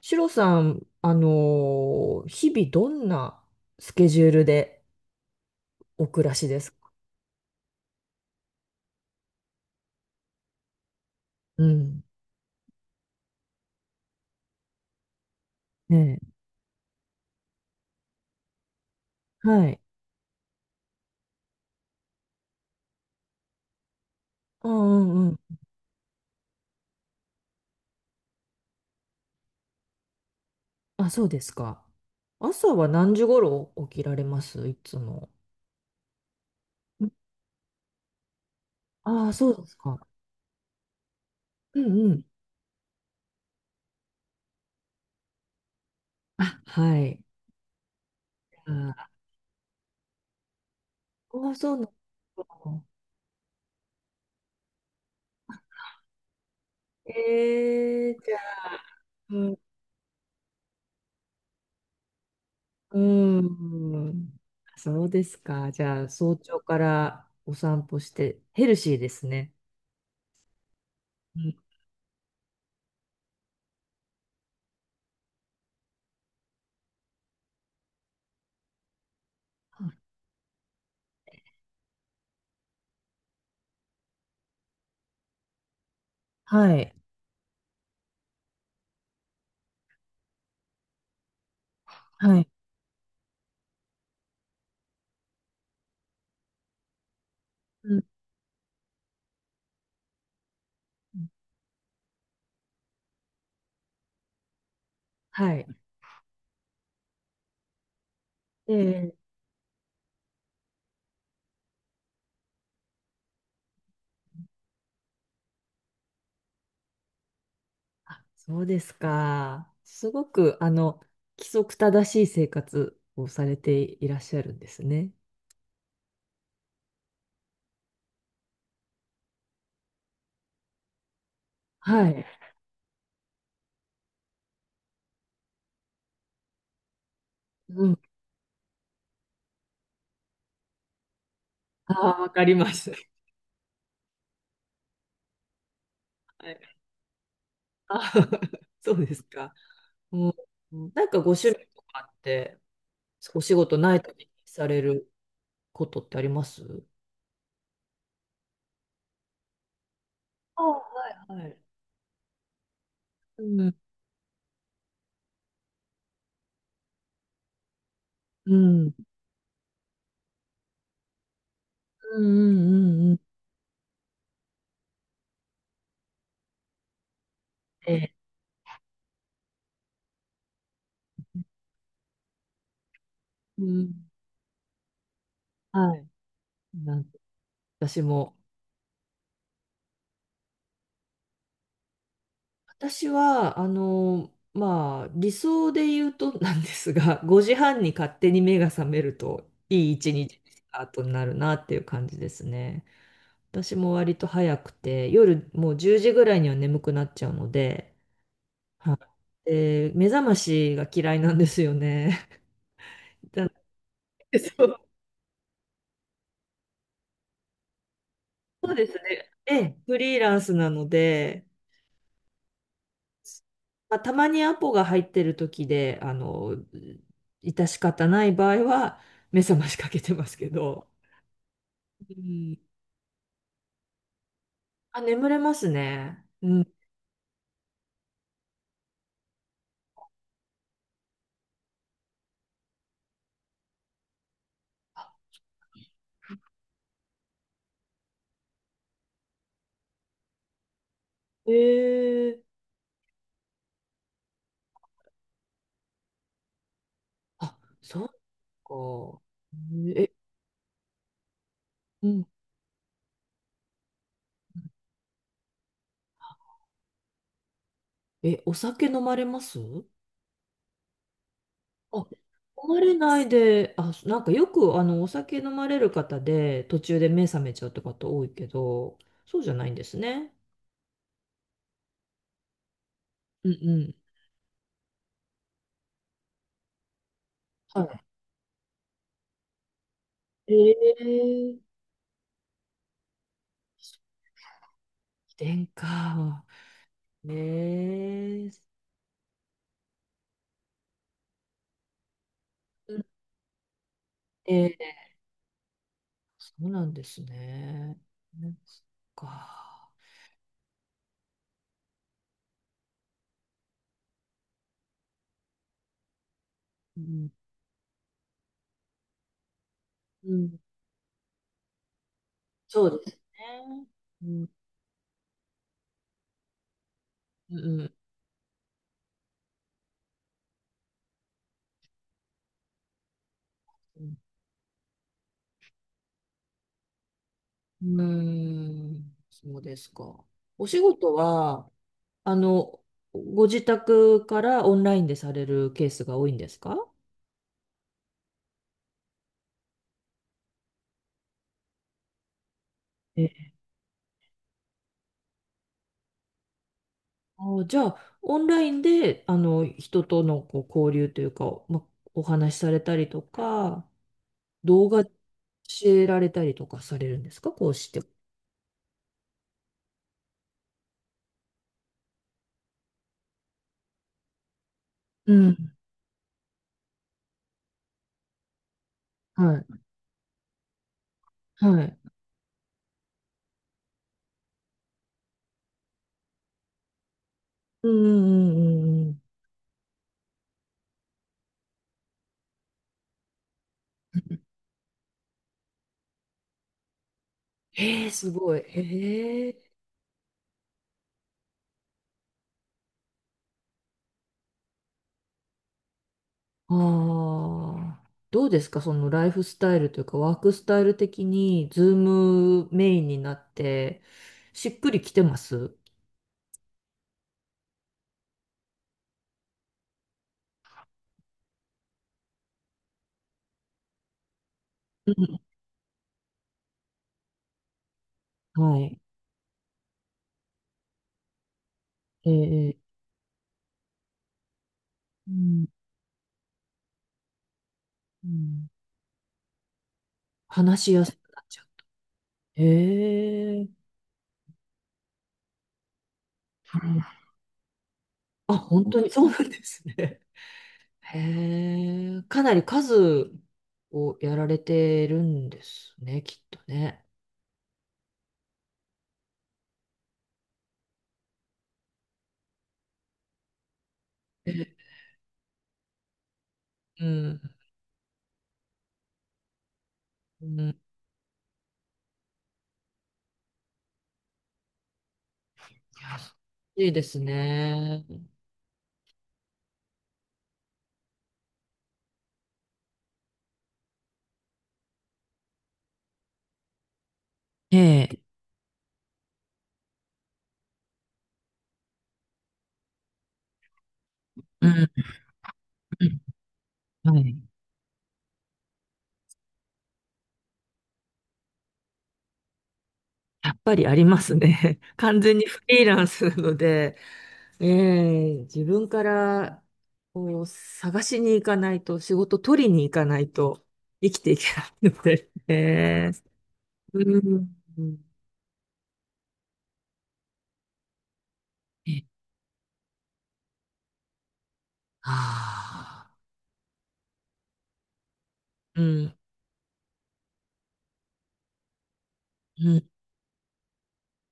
シロさん、日々どんなスケジュールでお暮らしですか？うん。ねえ。はい。あ、うんうん。あ、そうですか。朝は何時頃起きられますいつも？ああ、そうですか。うんうん。あ、はい。あ、ああ、そうなの。ええ、じゃあ、うん、うん。そうですか。じゃあ、早朝からお散歩してヘルシーですね。うん。はい。はい。うんうん、はい。で、あ、そうですか。すごく、規則正しい生活をされていらっしゃるんですね。はい。うん。ああ、わかります。はい。あー、 そうですか。うん、なんかご趣味とかあって、お仕事ない時にされることってあります？ああ、はいはい。うん、うん、うん、うん、うん。うん、ええ、うん、はい。なん私も、私は、まあ、理想で言うとなんですが、5時半に勝手に目が覚めると、いい一日のスタートになるなっていう感じですね。私も割と早くて、夜もう10時ぐらいには眠くなっちゃうので、はい。で、目覚ましが嫌いなんですよね。なのでそうそうですね。ええ、フリーランスなので、まあ、たまにアポが入ってる時で、致し方ない場合は、目覚ましかけてますけど。うん。あ、眠れますね。うん。ええ、あ、そうか。え、うん。え、お酒飲まれます？あ、飲まれないで、あ、なんかよく、お酒飲まれる方で、途中で目覚めちゃうって方多いけど、そうじゃないんですね。うんうん。はい。ええー、遺伝か。ねえ。うん、ええ、そうなんですね。ね、そっか。うん、うん、そうですね。うん、うん、うん、うん、そうですか。お仕事は、あの、ご自宅からオンラインでされるケースが多いんですか？ええ、あ、じゃあ、オンラインで、人とのこう交流というか、ま、お話しされたりとか、動画教えられたりとかされるんですか、こうして？うん。はい。はい。うんうんうんうん。ええ、すごい。ええ。ああ。どうですか、そのライフスタイルというか、ワークスタイル的に、ズームメインになって、しっくりきてます？うん、はい。ええ。うん。うん、話しやすくなっちゃう。ええ。あ、本当にそうなんですね。へえ、かなり数をやられてるんですね、きっとね。え、うん、うん、いや、いいですね。ええ、うん、うん、はい。やっぱりありますね。完全にフリーランスなので、ええ、自分からこう探しに行かないと、仕事取りに行かないと生きていけないので、ええ、うん、うん、ええ、ああ、うん。うん、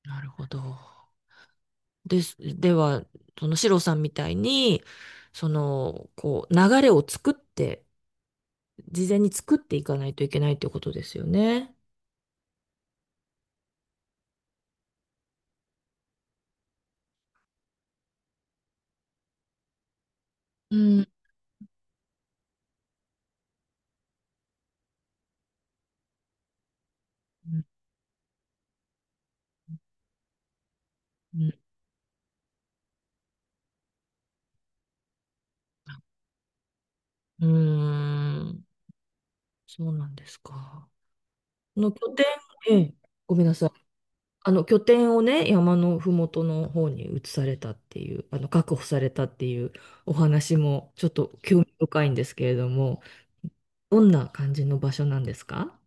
なるほど。です。では、そのシロさんみたいに、その、こう、流れを作って、事前に作っていかないといけないってことですよね。うん。うんうん、うーん、そうなんですか。この拠点、ええ、ごめんなさい。あの拠点をね、山のふもとの方に移されたっていう、確保されたっていうお話もちょっと興味深いんですけれども、どんな感じの場所なんですか？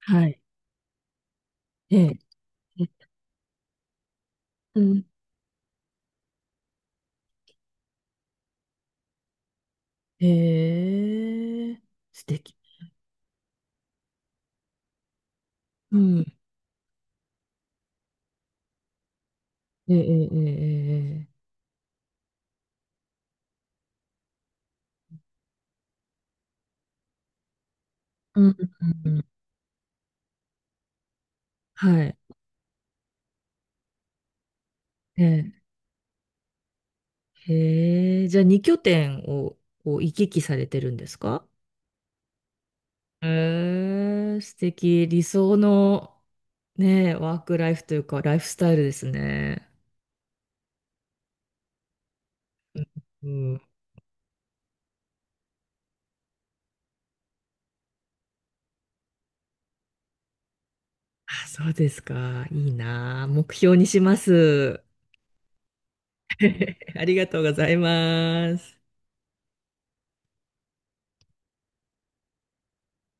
はい。ええ。え、うん。へえ、素敵。うん。ええ、ええ、ええ。ええ、うん。うんうん、はい。ええ。へえ、じゃあ2拠点をこう行き来されてるんですか？へえ、素敵。理想の、ねえ、ワークライフというか、ライフスタイルですね。うん。あ、そうですか。いいなあ。目標にします。ありがとうございます。